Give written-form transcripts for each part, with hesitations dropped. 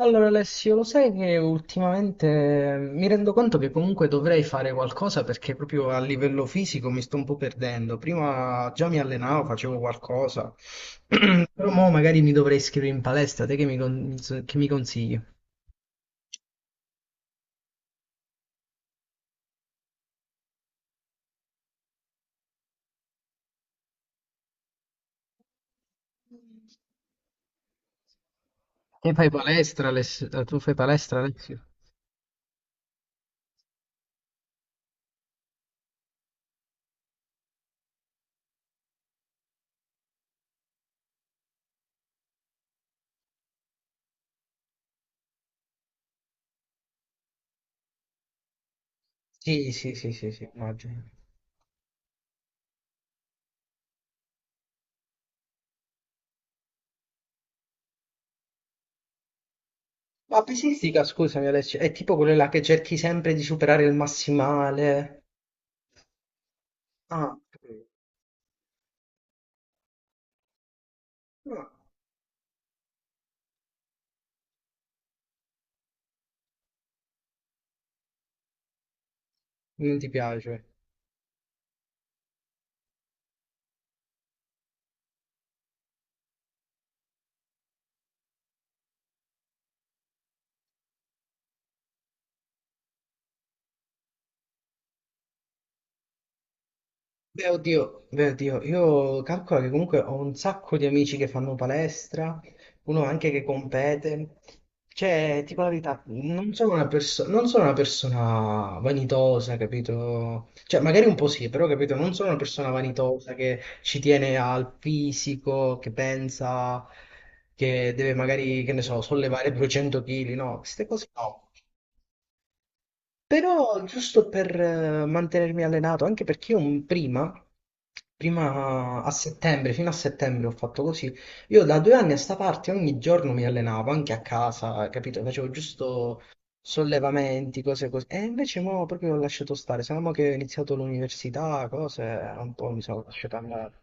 Allora Alessio, lo sai che ultimamente mi rendo conto che comunque dovrei fare qualcosa perché proprio a livello fisico mi sto un po' perdendo. Prima già mi allenavo, facevo qualcosa, però mo magari mi dovrei iscrivere in palestra. Te che mi consigli? Te fai palestra, Alessio? Tu fai palestra, Alessio? Sì, sì, sì, sì, sì, immagino. Ma pesistica, scusami Alessio, è tipo quella là che cerchi sempre di superare il massimale. Ah, ok. Ah. Non ti piace? Beh, oddio, io calcolo che comunque ho un sacco di amici che fanno palestra, uno anche che compete. Cioè, tipo la verità, non sono una persona vanitosa, capito? Cioè, magari un po' sì, però, capito, non sono una persona vanitosa che ci tiene al fisico, che pensa che deve magari, che ne so, sollevare 200 kg, no, queste cose no. Però giusto per mantenermi allenato, anche perché io prima a settembre, fino a settembre ho fatto così, io da 2 anni a sta parte ogni giorno mi allenavo, anche a casa, capito? Facevo giusto sollevamenti, cose così. E invece mo proprio ho lasciato stare, se no mo che ho iniziato l'università, cose, un po' mi sono lasciato andare.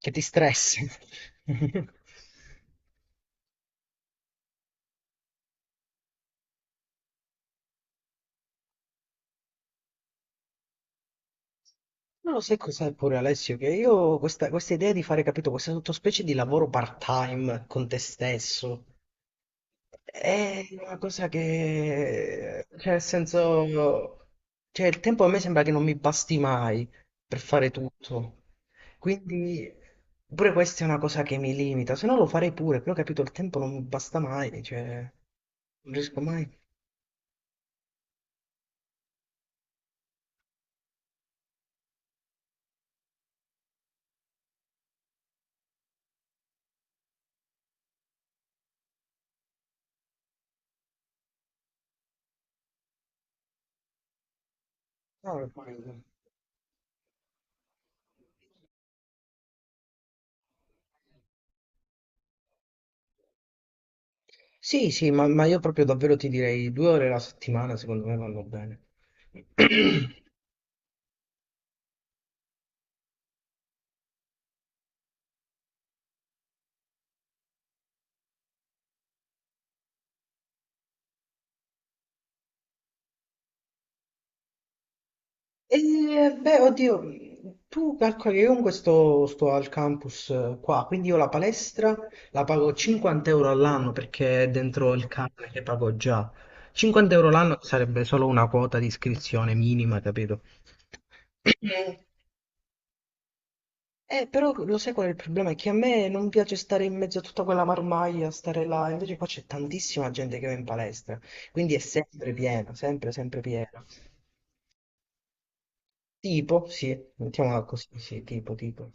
Che ti stressi. Non lo sai cos'è pure Alessio, che io questa idea di fare, capito, questa sottospecie di lavoro part-time con te stesso è una cosa che, cioè, nel senso, cioè, il tempo a me sembra che non mi basti mai per fare tutto. Quindi pure questa è una cosa che mi limita, se no lo farei pure, però capito, il tempo non mi basta mai, cioè, non riesco mai. No, ormai- Sì, sì, ma io proprio davvero ti direi 2 ore alla settimana, secondo me vanno bene. E beh, oddio, tu calcoli, io comunque sto al campus qua, quindi io la palestra la pago 50 euro all'anno perché è dentro il canone che pago già. 50 euro l'anno sarebbe solo una quota di iscrizione minima, capito? Però lo sai qual è il problema? È che a me non piace stare in mezzo a tutta quella marmaglia, stare là, invece qua c'è tantissima gente che va in palestra, quindi è sempre pieno, sempre, sempre pieno. Tipo, sì, mettiamola così, sì, tipo, tipo.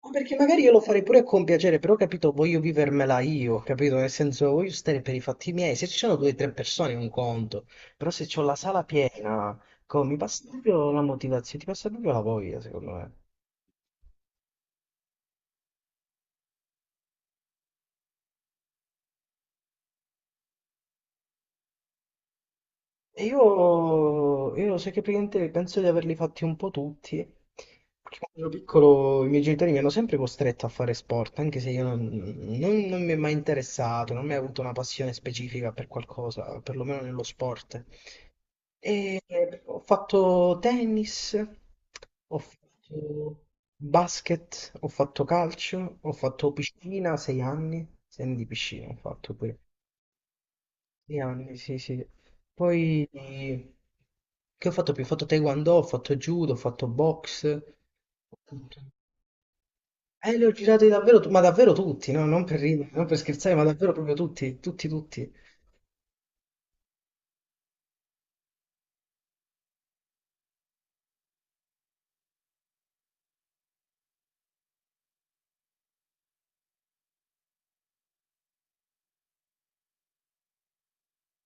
Ma perché magari io lo farei pure con piacere, però capito, voglio vivermela io, capito? Nel senso, voglio stare per i fatti miei. Se ci sono due o tre persone è un conto, però se c'ho la sala piena, co- mi passa proprio la motivazione, ti passa proprio la voglia, secondo me. E io sai che praticamente penso di averli fatti un po' tutti, eh. Perché quando ero piccolo i miei genitori mi hanno sempre costretto a fare sport, anche se io non mi è mai interessato, non mi hai avuto una passione specifica per qualcosa, perlomeno nello sport. E ho fatto tennis, ho fatto basket, ho fatto calcio, ho fatto piscina, 6 anni, sei anni di piscina ho fatto pure. Sì, anche, sì, sì. Poi che ho fatto più? Ho fatto taekwondo, ho fatto judo, ho fatto box. Tutto. Le ho girate davvero, tu- ma davvero tutti, no? Non per ridere, non per scherzare, ma davvero proprio tutti, tutti, tutti.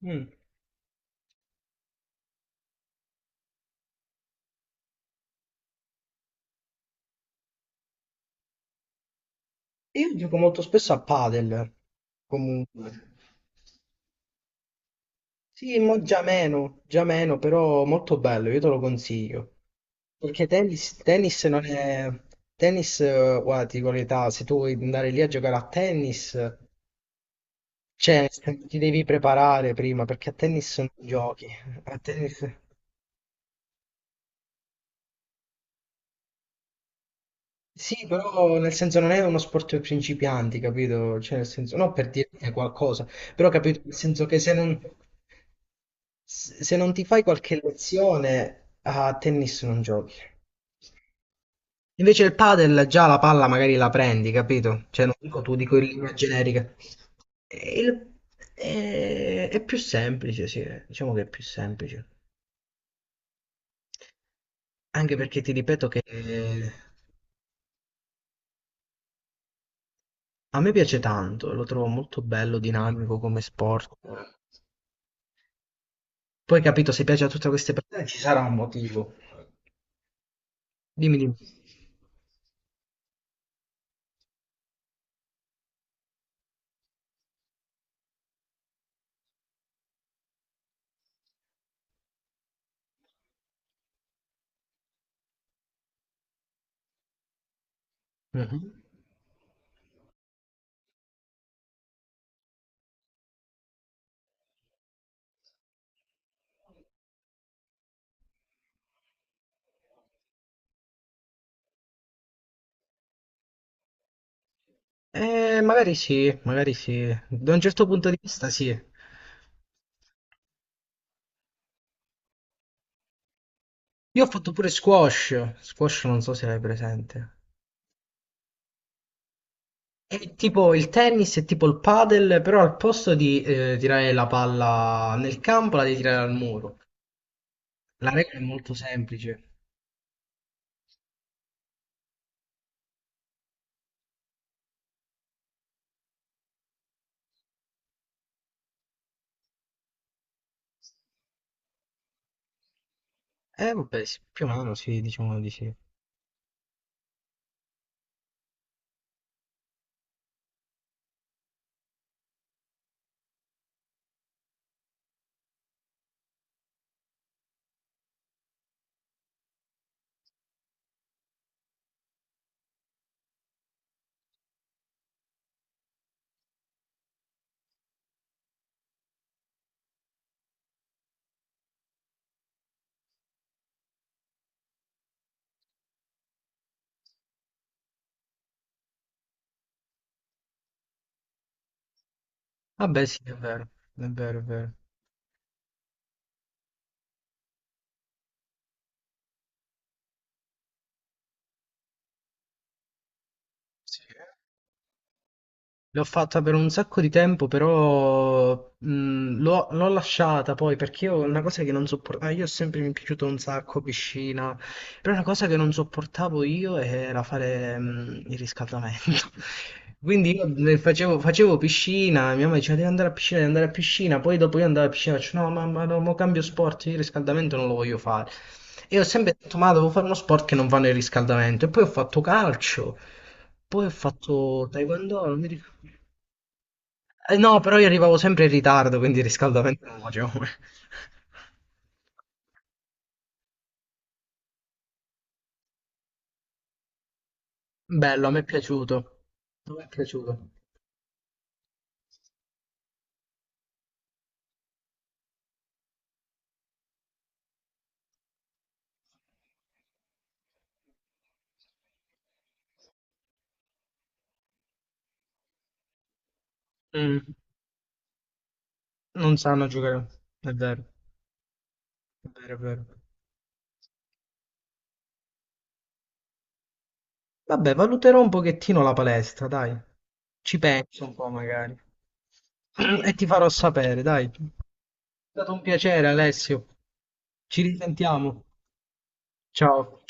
Mm. Io gioco molto spesso a padel, comunque. Sì, mo già meno, però molto bello, io te lo consiglio. Perché tennis, tennis non è... Tennis, guarda, ti dico l'età, se tu vuoi andare lì a giocare a tennis... Cioè, ti devi preparare prima perché a tennis non giochi. A tennis... Sì, però nel senso non è uno sport per principianti, capito? Cioè, nel senso, no per dirti qualcosa, però capito, nel senso che se non, se non ti fai qualche lezione a tennis non giochi. Invece il padel già la palla magari la prendi, capito? Cioè, non dico tu, dico in linea generica. E il- è più semplice, sì, diciamo che è più semplice. Anche perché ti ripeto che a me piace tanto, lo trovo molto bello, dinamico come sport. Poi capito, se piace a tutte queste persone ci sarà un motivo. Dimmi, dimmi. Mhm. Magari sì, magari sì. Da un certo punto di vista sì. Io ho fatto pure squash, squash non so se l'hai presente. È tipo il tennis, è tipo il padel, però al posto di tirare la palla nel campo la devi tirare al muro. La regola è molto semplice. Eh vabbè, sì, più o meno sì, diciamo di sì. Vabbè sì, è vero, è vero, è vero. Sì. L'ho fatta per un sacco di tempo, però l'ho lasciata poi perché io una cosa che non sopportavo, io ho sempre mi è piaciuto un sacco piscina, però una cosa che non sopportavo io era fare il riscaldamento. Quindi io ne facevo, facevo piscina, mia mamma diceva devi andare a piscina, devi andare a piscina, poi dopo io andavo a piscina, faccio no mamma, no, mo cambio sport, io il riscaldamento non lo voglio fare. E ho sempre detto ma devo fare uno sport che non va nel riscaldamento, e poi ho fatto calcio, poi ho fatto taekwondo, non mi ricordo. No, però io arrivavo sempre in ritardo, quindi il riscaldamento non lo facevo. Bello, a me è piaciuto. A me è piaciuto. Mm, non sanno giocare. È vero, è vero, è vero. Vabbè, valuterò un pochettino la palestra, dai. Ci penso un po' magari. E ti farò sapere, dai. È stato un piacere, Alessio. Ci risentiamo. Ciao.